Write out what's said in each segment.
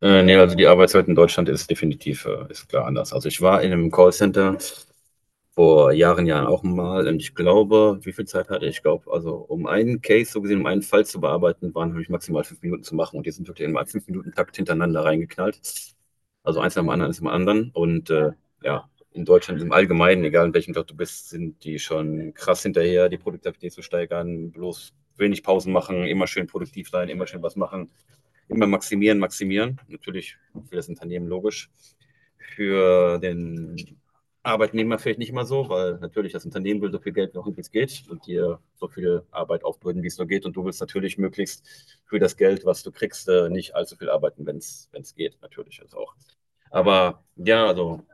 Nee, also die Arbeitswelt in Deutschland ist definitiv, ist klar anders. Also ich war in einem Callcenter vor Jahren auch mal und ich glaube, wie viel Zeit hatte ich? Ich glaube, also um einen Case, so gesehen, um einen Fall zu bearbeiten, waren habe ich maximal fünf Minuten zu machen, und die sind wirklich in einem fünf Minuten Takt hintereinander reingeknallt. Also eins nach dem anderen und ja, in Deutschland im Allgemeinen, egal in welchem Job du bist, sind die schon krass hinterher, die Produktivität zu steigern, bloß wenig Pausen machen, immer schön produktiv sein, immer schön was machen, immer maximieren, maximieren. Natürlich für das Unternehmen logisch. Für den Arbeitnehmer vielleicht nicht mal so, weil natürlich das Unternehmen will so viel Geld noch wie es geht und dir so viel Arbeit aufbürden, wie es nur geht. Und du willst natürlich möglichst für das Geld, was du kriegst, nicht allzu viel arbeiten, wenn es geht, natürlich. Also auch. Aber ja, also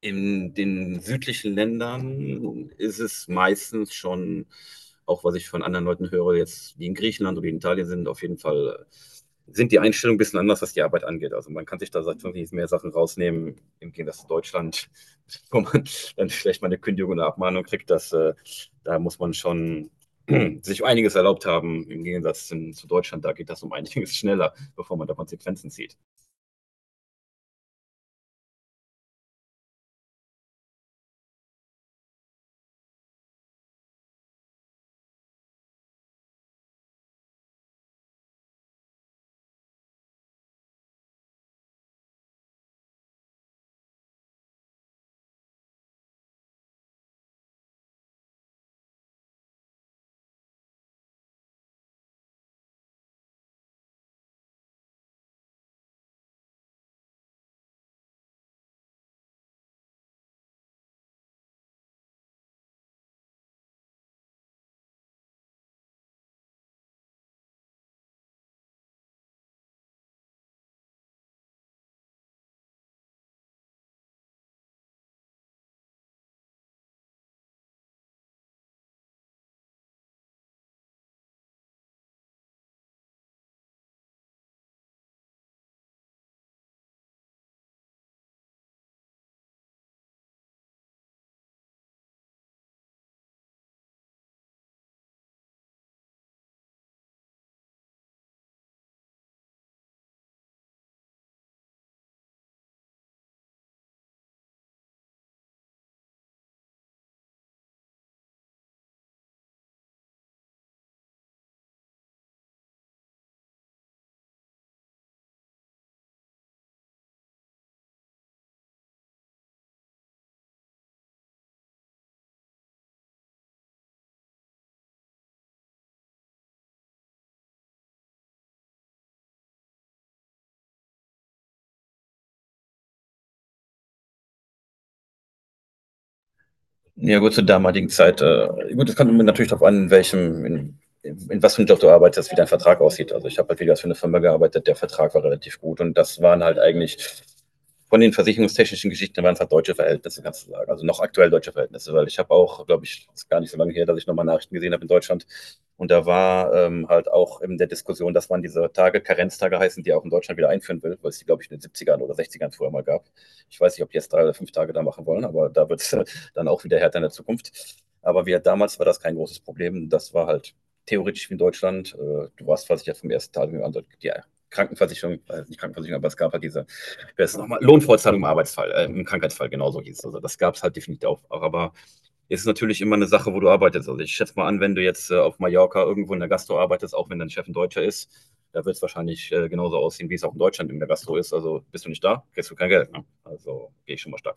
in den südlichen Ländern ist es meistens schon, auch was ich von anderen Leuten höre, jetzt die in Griechenland oder in Italien sind, auf jeden Fall sind die Einstellungen ein bisschen anders, was die Arbeit angeht. Also man kann sich da seit wirklich mehr Sachen rausnehmen, im Gegensatz zu Deutschland, wo man dann vielleicht mal eine Kündigung oder Abmahnung kriegt, dass da muss man schon sich einiges erlaubt haben, im Gegensatz zu Deutschland, da geht das um einiges schneller, bevor man da Konsequenzen zieht. Ja, gut, zur damaligen Zeit. Gut, es kommt immer natürlich darauf an, in welchem, in was für einem Job du arbeitest, wie dein Vertrag aussieht. Also ich habe halt wieder für eine Firma gearbeitet, der Vertrag war relativ gut, und das waren halt eigentlich von den versicherungstechnischen Geschichten waren es halt deutsche Verhältnisse, kannst du sagen. Also noch aktuell deutsche Verhältnisse, weil ich habe auch, glaube ich, ist gar nicht so lange her, dass ich nochmal Nachrichten gesehen habe in Deutschland. Und da war halt auch in der Diskussion, dass man diese Tage, Karenztage heißen, die auch in Deutschland wieder einführen will, weil es die, glaube ich, in den 70ern oder 60ern früher mal gab. Ich weiß nicht, ob die jetzt drei oder fünf Tage da machen wollen, aber da wird es dann auch wieder härter in der Zukunft. Damals war das kein großes Problem. Das war halt theoretisch wie in Deutschland. Du warst versichert vom ersten Tag an. Die Krankenversicherung, nicht Krankenversicherung, aber es gab halt diese, wer ist nochmal, Lohnfortzahlung im Arbeitsfall, im Krankheitsfall, genauso hieß es. Also das gab es halt definitiv auch. Aber es ist natürlich immer eine Sache, wo du arbeitest. Also ich schätze mal an, wenn du jetzt auf Mallorca irgendwo in der Gastro arbeitest, auch wenn dein Chef ein Deutscher ist, da wird es wahrscheinlich genauso aussehen, wie es auch in Deutschland in der Gastro ist. Also bist du nicht da, kriegst du kein Geld. Ne? Also gehe ich schon mal stark.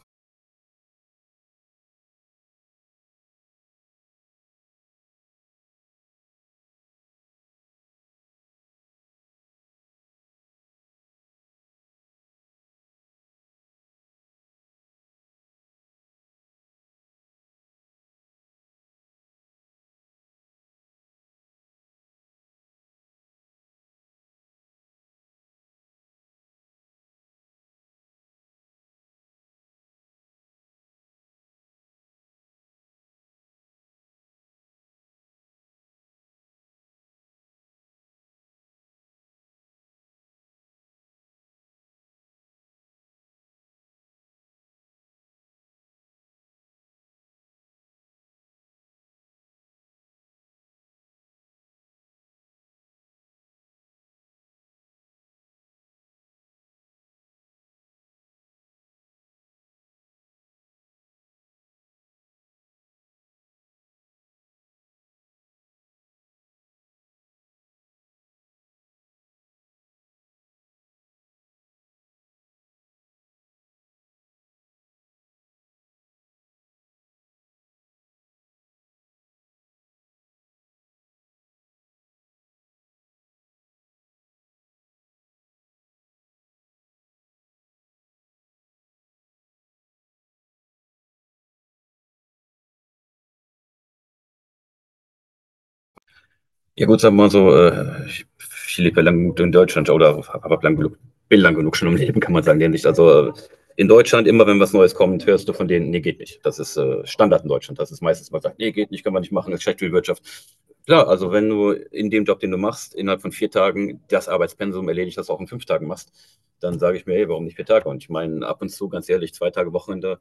Ja gut, sagen wir mal so, ich lebe ja lang genug in Deutschland oder bin lang genug schon im Leben, kann man sagen, nämlich. Also in Deutschland, immer wenn was Neues kommt, hörst du von denen, nee, geht nicht. Das ist Standard in Deutschland. Das ist meistens, man sagt, nee, geht nicht, können wir nicht machen, das ist schlecht für die Wirtschaft. Klar, also wenn du in dem Job, den du machst, innerhalb von vier Tagen das Arbeitspensum erledigt, das du auch in fünf Tagen machst, dann sage ich mir, hey, warum nicht vier Tage? Und ich meine, ab und zu, ganz ehrlich, zwei Tage Wochenende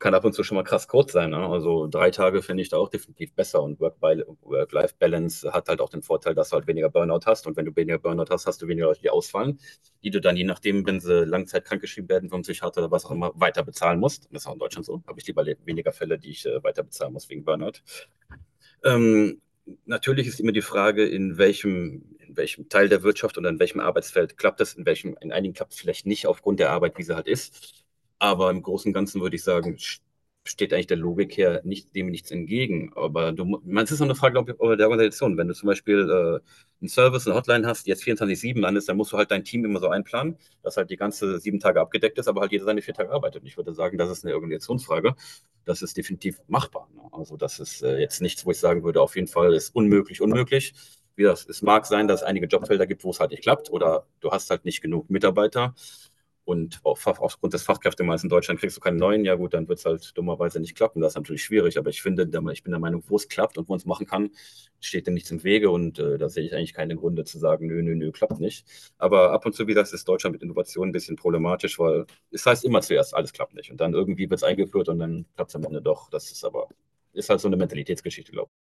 kann ab und zu schon mal krass kurz sein. Ne? Also drei Tage finde ich da auch definitiv besser. Und Work-Life-Balance hat halt auch den Vorteil, dass du halt weniger Burnout hast. Und wenn du weniger Burnout hast, hast du weniger Leute, die ausfallen, die du dann je nachdem, wenn sie langzeitkrank geschrieben werden vom Psychiater oder was auch immer, weiter bezahlen musst. Das ist auch in Deutschland so. Habe ich lieber weniger Fälle, die ich weiter bezahlen muss wegen Burnout. Ähm, Natürlich ist immer die Frage, in welchem Teil der Wirtschaft oder in welchem Arbeitsfeld klappt das, in welchem, in einigen klappt es vielleicht nicht aufgrund der Arbeit, wie sie halt ist. Aber im Großen und Ganzen würde ich sagen, steht eigentlich der Logik her nicht, dem nichts entgegen. Man, es ist auch eine Frage, glaube ich, der Organisation. Wenn du zum Beispiel einen Service, eine Hotline hast, die jetzt 24-7 landest, dann musst du halt dein Team immer so einplanen, dass halt die ganze sieben Tage abgedeckt ist, aber halt jeder seine vier Tage arbeitet. Ich würde sagen, das ist eine Organisationsfrage, das ist definitiv machbar. Ne? Also das ist jetzt nichts, wo ich sagen würde, auf jeden Fall ist unmöglich, unmöglich. Wie das, es mag sein, dass es einige Jobfelder gibt, wo es halt nicht klappt oder du hast halt nicht genug Mitarbeiter und aufgrund des Fachkräftemangels in Deutschland kriegst du keinen neuen. Ja gut, dann wird es halt dummerweise nicht klappen. Das ist natürlich schwierig, aber ich bin der Meinung, wo es klappt und wo man es machen kann, steht dem nichts im Wege, und da sehe ich eigentlich keine Gründe zu sagen, nö, nö, nö, klappt nicht. Aber ab und zu, wie gesagt, ist Deutschland mit Innovation ein bisschen problematisch, weil es heißt immer zuerst, alles klappt nicht. Und dann irgendwie wird es eingeführt und dann klappt es am Ende doch. Ist halt so eine Mentalitätsgeschichte, glaube ich.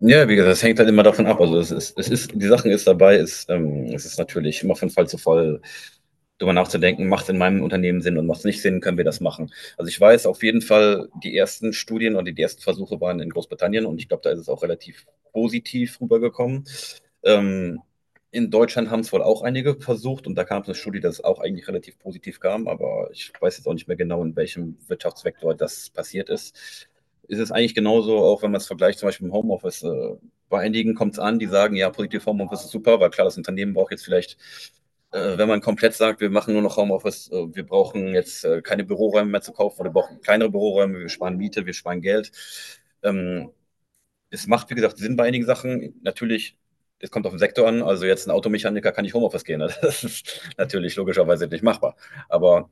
Ja, wie gesagt, das hängt halt immer davon ab. Also die Sachen ist dabei, ist, es ist natürlich immer von Fall zu Fall darüber nachzudenken, macht es in meinem Unternehmen Sinn und macht es nicht Sinn, können wir das machen. Also ich weiß auf jeden Fall, die ersten Studien und die ersten Versuche waren in Großbritannien und ich glaube, da ist es auch relativ positiv rübergekommen. Ähm, in Deutschland haben es wohl auch einige versucht, und da kam es eine Studie, dass es auch eigentlich relativ positiv kam, aber ich weiß jetzt auch nicht mehr genau, in welchem Wirtschaftsvektor das passiert ist, ist es eigentlich genauso, auch wenn man es vergleicht, zum Beispiel im Homeoffice. Bei einigen kommt es an, die sagen, ja, positiv, Homeoffice ist super, weil klar, das Unternehmen braucht jetzt vielleicht, wenn man komplett sagt, wir machen nur noch Homeoffice, wir brauchen jetzt keine Büroräume mehr zu kaufen oder wir brauchen kleinere Büroräume, wir sparen Miete, wir sparen Geld. Ähm, Es macht, wie gesagt, Sinn bei einigen Sachen. Natürlich, es kommt auf den Sektor an. Also jetzt ein Automechaniker kann nicht Homeoffice gehen. Ne? Das ist natürlich logischerweise nicht machbar. Aber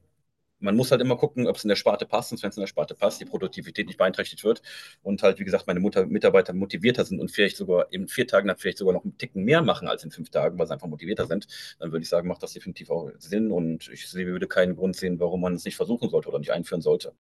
man muss halt immer gucken, ob es in der Sparte passt, und wenn es in der Sparte passt, die Produktivität nicht beeinträchtigt wird und halt, wie gesagt, meine Mutter, Mitarbeiter motivierter sind und vielleicht sogar in vier Tagen dann vielleicht sogar noch einen Ticken mehr machen als in fünf Tagen, weil sie einfach motivierter sind, dann würde ich sagen, macht das definitiv auch Sinn und ich würde keinen Grund sehen, warum man es nicht versuchen sollte oder nicht einführen sollte.